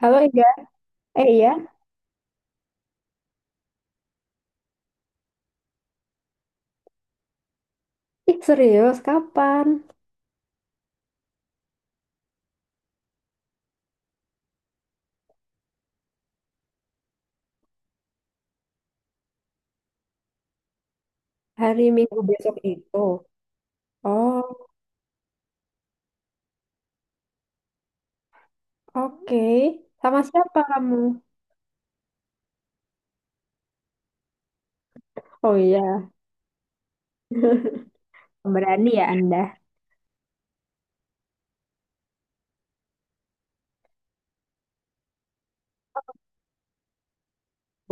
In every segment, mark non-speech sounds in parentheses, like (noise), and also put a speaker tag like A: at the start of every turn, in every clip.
A: Halo Ega, iya, ih serius kapan? Hari Minggu besok itu. Oh, oke. Sama siapa kamu? Oh iya, (laughs) berani ya Anda.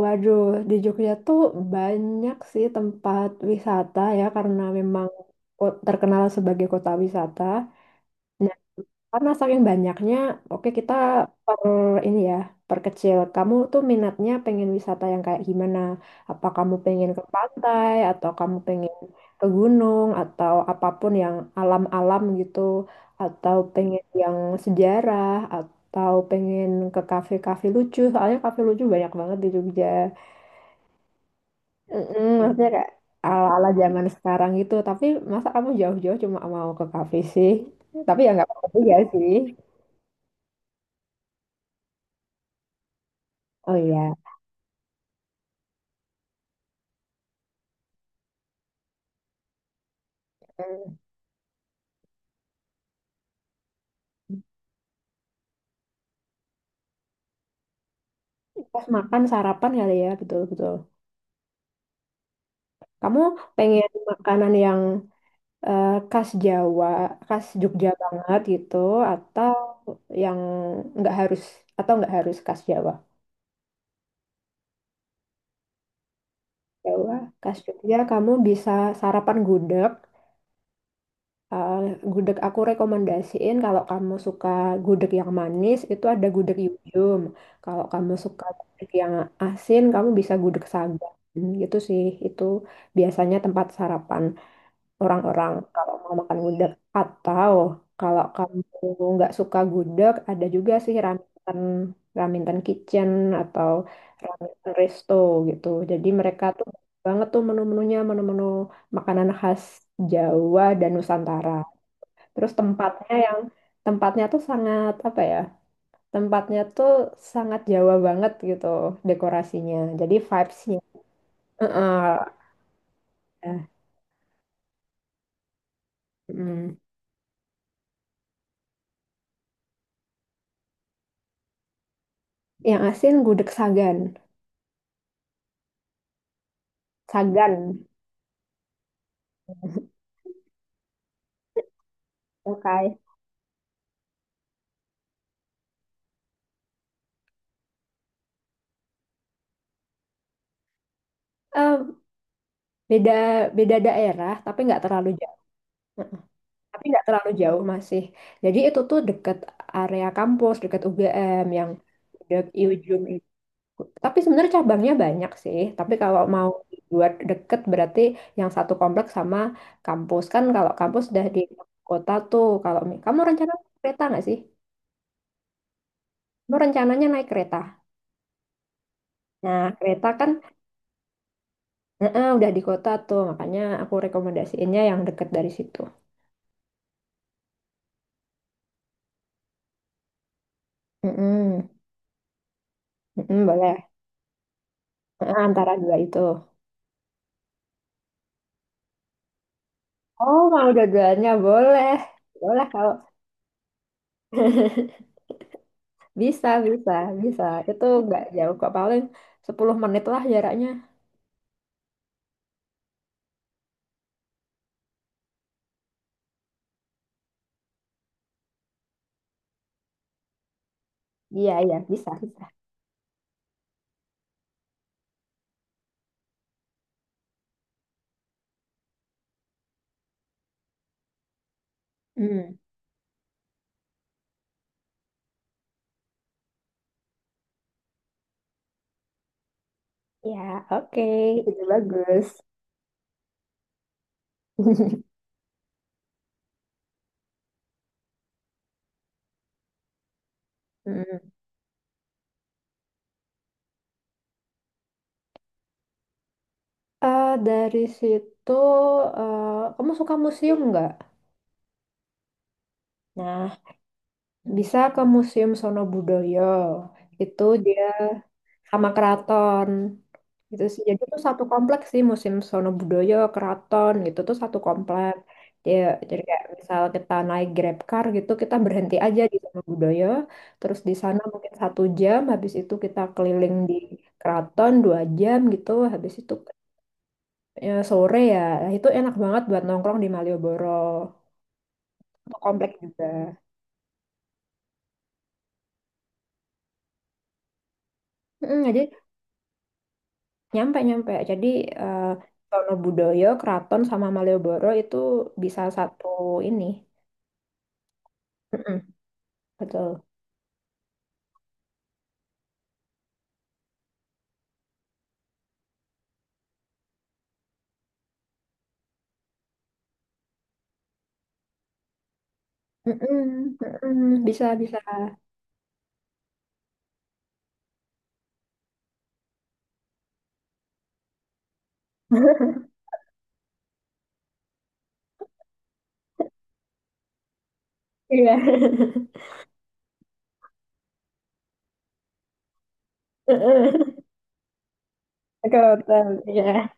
A: Waduh, di Jogja tuh banyak sih tempat wisata ya karena memang terkenal sebagai kota wisata. Karena saking banyaknya, oke kita per ini ya, perkecil. Kamu tuh minatnya pengen wisata yang kayak gimana? Apa kamu pengen ke pantai, atau kamu pengen ke gunung, atau apapun yang alam-alam gitu, atau pengen yang sejarah, atau pengen ke kafe-kafe lucu. Soalnya kafe lucu banyak banget di Jogja. Mm-mm, maksudnya kayak ala-ala zaman sekarang gitu. Tapi masa kamu jauh-jauh cuma mau ke kafe sih? Tapi ya nggak apa-apa juga sih. Oh iya. Hmm. Pas makan sarapan kali ya, betul-betul. Kamu pengen makanan yang khas Jawa, khas Jogja banget gitu, atau yang nggak harus, atau nggak harus khas Jawa? Jawa, khas Jogja, kamu bisa sarapan gudeg. Eh, gudeg aku rekomendasiin kalau kamu suka gudeg yang manis, itu ada gudeg Yujum. Kalau kamu suka gudeg yang asin, kamu bisa gudeg Sagan. Gitu sih, itu biasanya tempat sarapan. Orang-orang kalau mau makan gudeg. Atau kalau kamu nggak suka gudeg, ada juga sih Raminten, Raminten Kitchen atau Raminten Resto gitu. Jadi mereka tuh banyak banget tuh menu-menunya, menu-menu makanan khas Jawa dan Nusantara. Terus tempatnya yang tempatnya tuh sangat apa ya? Tempatnya tuh sangat Jawa banget gitu dekorasinya. Jadi vibes-nya. Heeh. Nah, mm. Yang asin gudeg Sagan. Sagan. Oke. Eh, beda beda daerah tapi nggak terlalu jauh, tapi nggak terlalu jauh, masih jadi itu tuh deket area kampus deket UGM yang dek ujung itu, tapi sebenarnya cabangnya banyak sih, tapi kalau mau buat deket berarti yang satu kompleks sama kampus. Kan kalau kampus udah di kota tuh, kalau kamu rencana naik kereta nggak sih, kamu rencananya naik kereta, nah kereta kan udah di kota tuh, makanya aku rekomendasiinnya yang deket dari situ. Mm-mm. Mm-mm, boleh. Nah, antara dua itu. Oh, mau dua-duanya boleh. Boleh kalau (laughs) bisa, bisa, bisa. Itu nggak jauh kok, paling 10 menit lah jaraknya. Iya, iya, bisa, bisa. Hmm. Ya, oke, itu bagus. (laughs) Mm. Dari situ, eh, kamu suka museum nggak? Nah, bisa ke Museum Sonobudoyo. Itu dia sama keraton. Gitu sih. Jadi itu satu kompleks sih, Museum Sonobudoyo, keraton gitu tuh satu kompleks. Ya, jadi kayak misal kita naik Grab car gitu, kita berhenti aja di Sonobudoyo, terus di sana mungkin satu jam, habis itu kita keliling di keraton dua jam gitu, habis itu ya, sore ya. Nah, itu enak banget buat nongkrong di Malioboro. Itu kompleks juga. Mm, jadi nyampe nyampe. Jadi eh Sonobudoyo, Kraton sama Malioboro itu bisa satu ini. Mm-mm, betul. Mm-mm, mm-mm, bisa bisa. Iya. (laughs) Mm-mm. Ke hotel. Iya.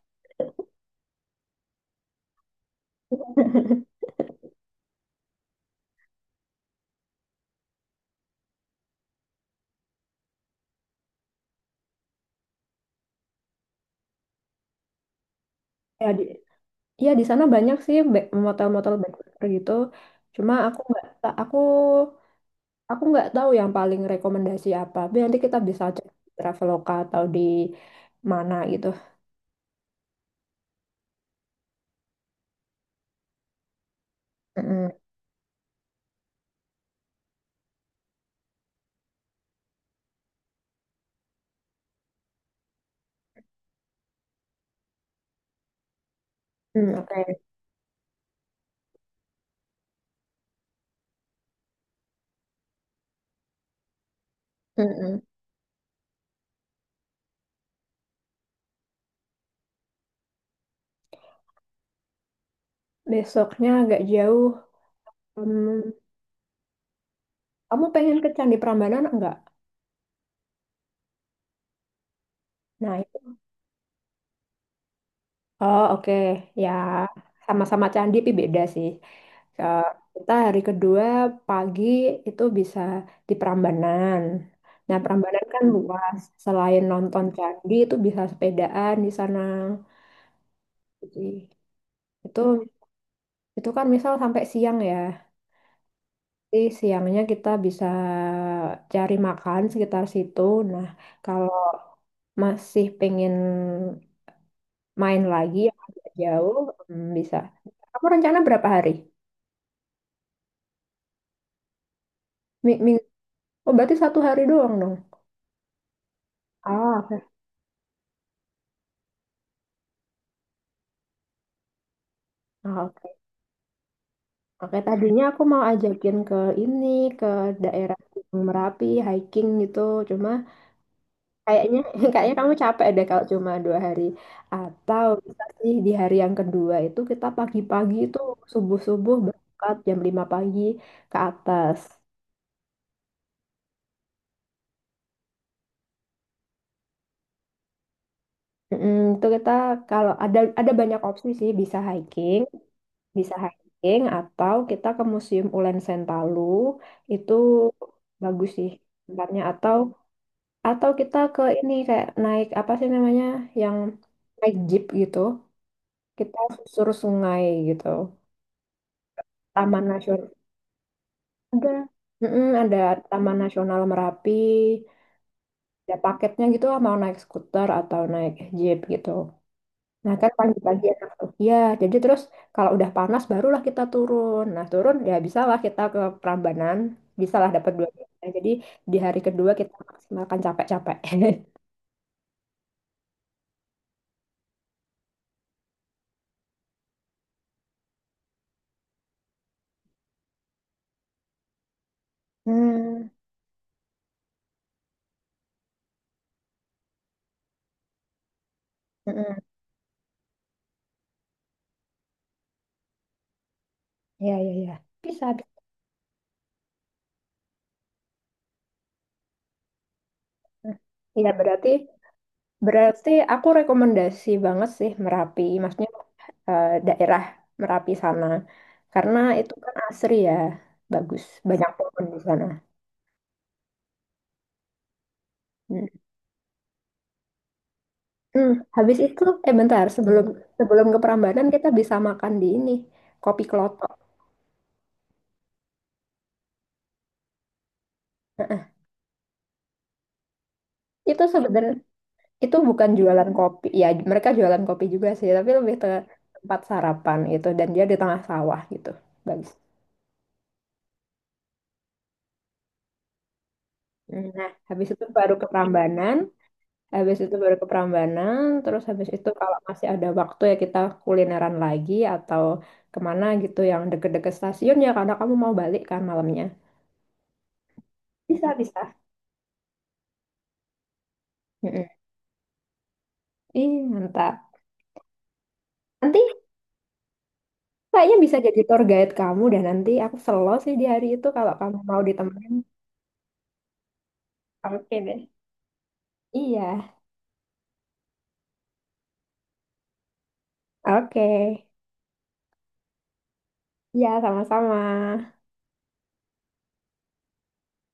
A: Ya di, ya di sana banyak sih motel-motel backpacker gitu. Cuma aku nggak tahu yang paling rekomendasi apa. Tapi nanti kita bisa cek di Traveloka atau di mana gitu. Mm-mm. Mm, oke. Mm-mm. Besoknya agak jauh. Hmm, kamu pengen ke Candi Prambanan enggak? Nah, itu. Oh, oke. Ya, sama-sama candi tapi beda sih. Eh, kita hari kedua pagi itu bisa di Prambanan. Nah, Prambanan kan luas. Selain nonton candi itu bisa sepedaan di sana. Jadi, Itu itu kan misal sampai siang ya. Jadi siangnya kita bisa cari makan sekitar situ. Nah, kalau masih pengen main lagi yang agak jauh, hmm, bisa. Kamu rencana berapa hari? Minggu. Oh, berarti satu hari doang dong. Ah, oke. Ah, oke. Oke, tadinya aku mau ajakin ke ini, ke daerah Gunung Merapi, hiking gitu. Cuma kayaknya, (laughs) kayaknya kamu capek deh kalau cuma dua hari. Atau bisa sih di hari yang kedua itu kita pagi-pagi itu subuh-subuh berangkat jam 5 pagi ke atas. Mm, itu kita kalau ada banyak opsi sih, bisa hiking atau kita ke Museum Ulen Sentalu, itu bagus sih tempatnya, atau kita ke ini kayak naik apa sih namanya yang naik jeep gitu, kita susur sungai gitu. Taman Nasional, ada, mm-mm, ada Taman Nasional Merapi, ada paketnya gitu lah, mau naik skuter atau naik jeep gitu. Nah kan pagi-pagi enak tuh. Ya, jadi terus kalau udah panas barulah kita turun. Nah turun ya bisalah kita ke Prambanan, bisalah dapat dua jam. Nah, jadi di hari kedua kita maksimalkan capek-capek. (laughs) Hmm, mm-mm. Ya, ya, ya. Bisa, bisa. Ya berarti Berarti aku rekomendasi banget sih Merapi, maksudnya daerah Merapi sana. Karena itu kan asri ya, bagus, banyak pohon di sana. Hmm. Hmm, habis itu, bentar, sebelum sebelum ke Prambanan kita bisa makan di ini, kopi klotok. Heeh. Itu sebenarnya itu bukan jualan kopi, ya mereka jualan kopi juga sih, tapi lebih ke tempat sarapan gitu, dan dia di tengah sawah gitu, bagus. Hmm, Nah, habis itu baru ke Prambanan, Habis itu baru ke Prambanan, terus habis itu kalau masih ada waktu ya kita kulineran lagi atau kemana gitu yang deket-deket stasiun ya karena kamu mau balik kan malamnya. Bisa, bisa. Mm-mm. Ih, mantap. Nanti kayaknya bisa jadi tour guide kamu dan nanti aku selo sih di hari itu kalau kamu mau ditemenin. Oke deh. Iya, oke. Iya, sama-sama.